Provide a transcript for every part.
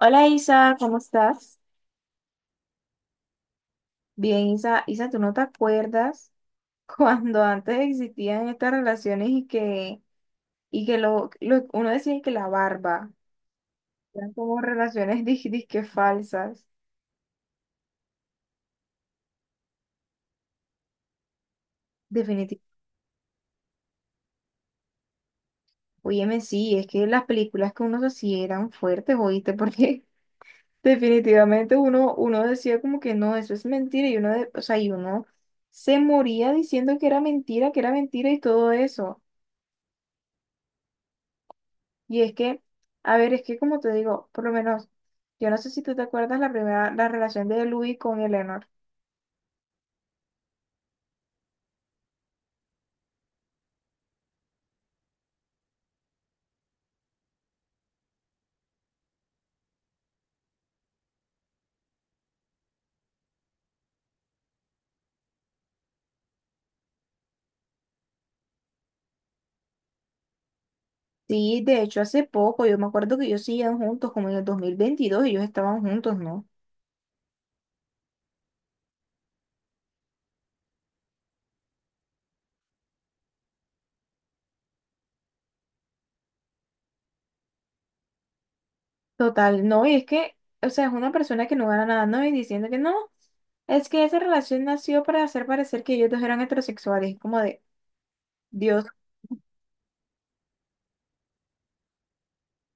Hola Isa, ¿cómo estás? Bien, Isa, ¿tú no te acuerdas cuando antes existían estas relaciones y que uno decía que la barba eran como relaciones disque falsas? Definitivamente. Óyeme, sí, es que las películas que uno hacía eran fuertes, oíste, porque definitivamente uno decía como que no, eso es mentira, y uno, o sea, y uno se moría diciendo que era mentira y todo eso. Y es que, a ver, es que como te digo, por lo menos, yo no sé si tú te acuerdas la relación de Luis con Eleanor. Sí, de hecho, hace poco, yo me acuerdo que ellos seguían juntos, como en el 2022, ellos estaban juntos, ¿no? Total, no, o sea, es una persona que no gana nada, ¿no? Y diciendo que no, es que esa relación nació para hacer parecer que ellos dos eran heterosexuales, como de, Dios,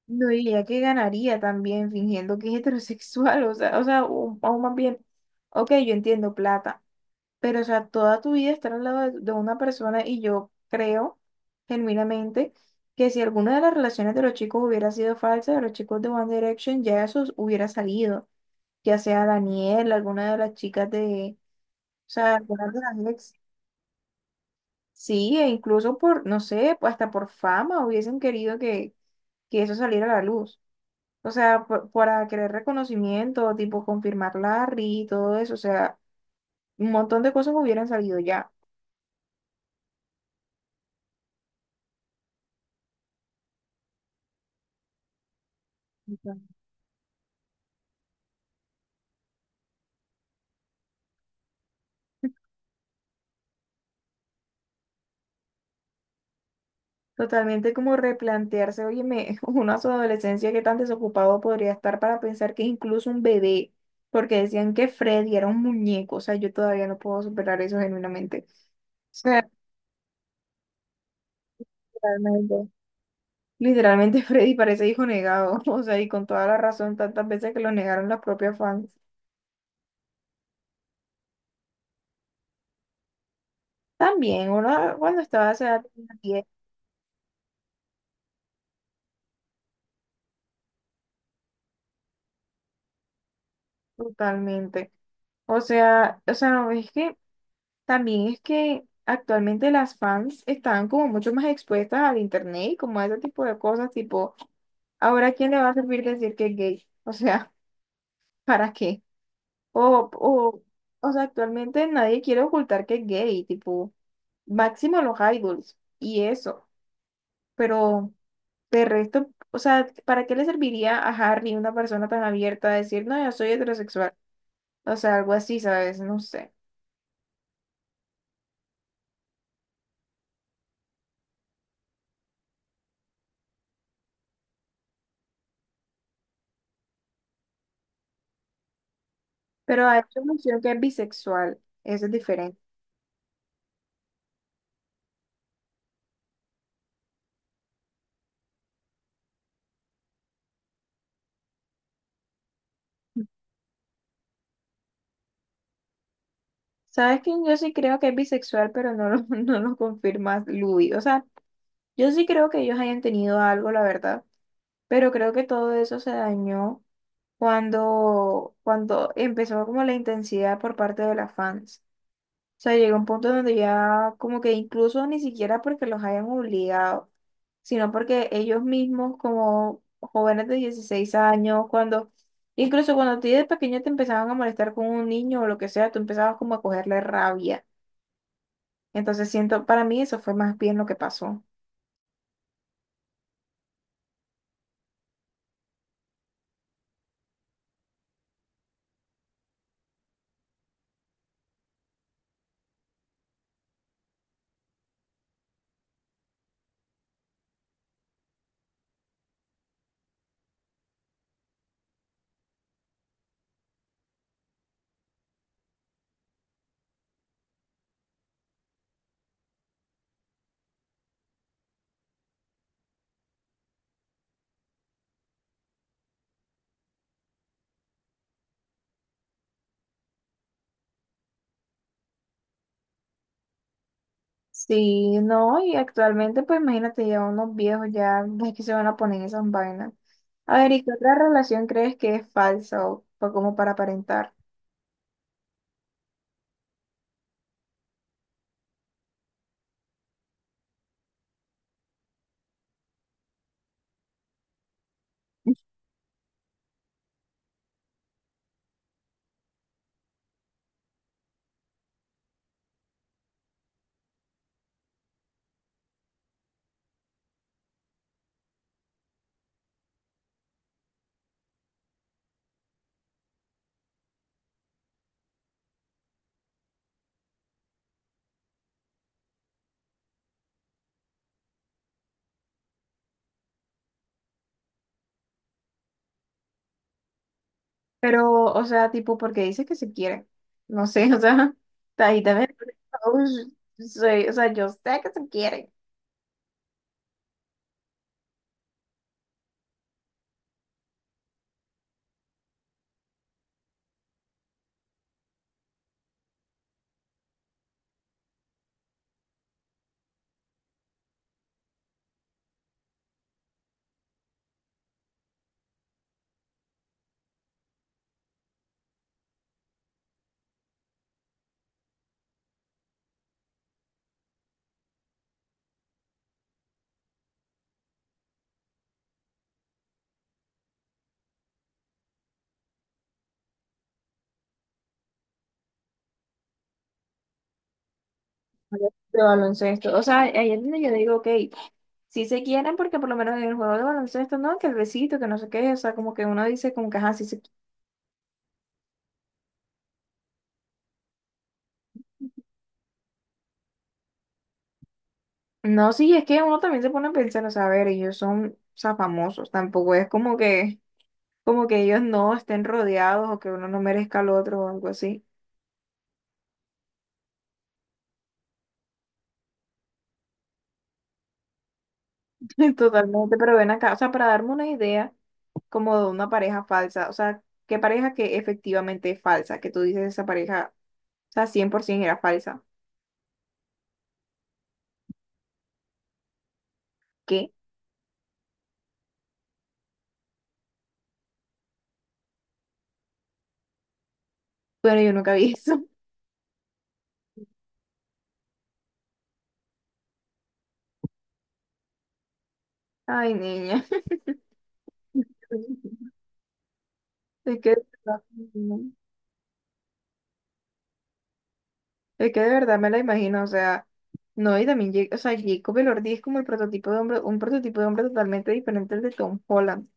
no, y ella que ganaría también fingiendo que es heterosexual, o sea, aún más bien, ok, yo entiendo plata. Pero, o sea, toda tu vida estar al lado de una persona y yo creo genuinamente que si alguna de las relaciones de los chicos hubiera sido falsa, de los chicos de One Direction, ya eso hubiera salido, ya sea Daniel, alguna de las chicas de, o sea, alguna de las ex. Sí, e incluso por, no sé, pues, hasta por fama que eso saliera a la luz. O sea, para querer reconocimiento, tipo confirmar Larry y todo eso, o sea, un montón de cosas hubieran salido ya. Totalmente como replantearse, óyeme, uno a su adolescencia que tan desocupado podría estar para pensar que es incluso un bebé, porque decían que Freddy era un muñeco, o sea, yo todavía no puedo superar eso genuinamente. O sea, literalmente, literalmente Freddy parece hijo negado, o sea, y con toda la razón, tantas veces que lo negaron las propias fans. También, uno cuando estaba a esa edad, tenía 10, totalmente. No, es que también es que actualmente las fans están como mucho más expuestas al internet y como a ese tipo de cosas, tipo, ahora quién le va a servir decir que es gay, o sea, ¿para qué? O, o, o sea, actualmente nadie quiere ocultar que es gay, tipo, máximo los idols y eso, pero de resto, o sea, ¿para qué le serviría a Harry, una persona tan abierta, a decir, no, yo soy heterosexual? O sea, algo así, ¿sabes? No sé. Pero ha hecho mención que es bisexual, eso es diferente. Sabes que yo sí creo que es bisexual, pero no lo, no lo confirma Louis. O sea, yo sí creo que ellos hayan tenido algo, la verdad, pero creo que todo eso se dañó cuando empezó como la intensidad por parte de las fans. O sea, llegó un punto donde ya como que incluso ni siquiera porque los hayan obligado, sino porque ellos mismos como jóvenes de 16 años, cuando, incluso cuando a ti de pequeño te empezaban a molestar con un niño o lo que sea, tú empezabas como a cogerle rabia. Entonces siento, para mí eso fue más bien lo que pasó. Sí, no, y actualmente pues imagínate ya unos viejos ya, es que se van a poner en esas vainas. A ver, ¿y qué otra relación crees que es falsa o como para aparentar? Pero, o sea, tipo, porque dice que se quiere. No sé, o sea, ahí también. Uy, o sea, yo sé que se quiere de baloncesto. O sea, ahí es donde yo digo, ok, sí se quieren porque por lo menos en el juego de baloncesto, ¿no? Que el besito, que no sé qué, o sea, como que uno dice como que, ajá, sí se. No, sí, es que uno también se pone a pensar, o sea, a ver, ellos son, o sea, famosos, tampoco es como que ellos no estén rodeados o que uno no merezca al otro o algo así. Totalmente, pero ven acá, o sea, para darme una idea como de una pareja falsa, o sea, qué pareja que efectivamente es falsa, que tú dices esa pareja, o sea, 100% era falsa. ¿Qué? Bueno, yo nunca vi eso. Ay, niña. Es que... no. Es que de verdad me la imagino, o sea, no, y también, o sea, Jacob Elordi es como el prototipo de hombre, un prototipo de hombre totalmente diferente al de Tom Holland.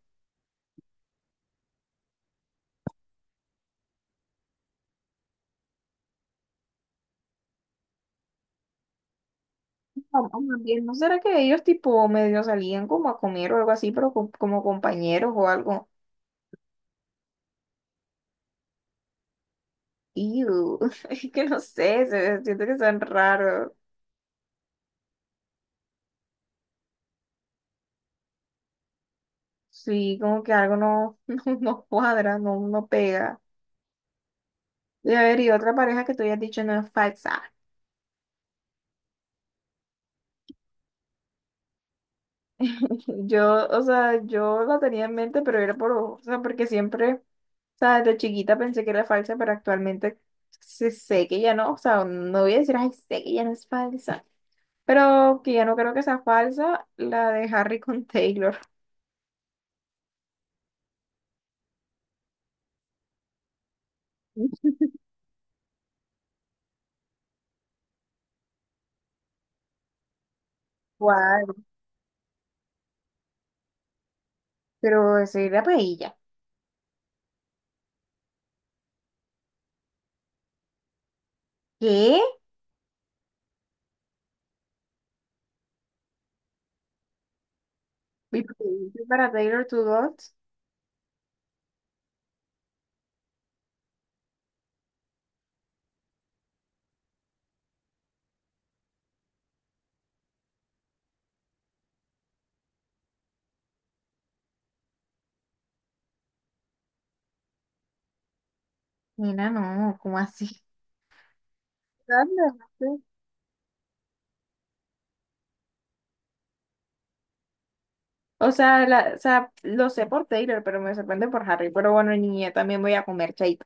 O más bien, ¿no será que ellos tipo medio salían como a comer o algo así, pero como compañeros o algo? Ew, es que no sé, siento que son raros. Sí, como que algo no, no, no cuadra, no, no pega. Y a ver, y otra pareja que tú hayas dicho no es falsa. Yo, o sea, yo la tenía en mente, pero era por, o sea, porque siempre... O sea, desde chiquita pensé que era falsa, pero actualmente sé que ya no, o sea, no voy a decir, ay, sé que ya no es falsa, pero que ya no creo que sea falsa la de Harry con Taylor. Igual, pero eso era para ella. ¿Qué? ¿Y por qué dice para Taylor to God? Mira, no, ¿cómo así? Anda, no sé. O sea, la, o sea, lo sé por Taylor, pero me sorprende por Harry. Pero bueno, niña, también voy a comer chaito.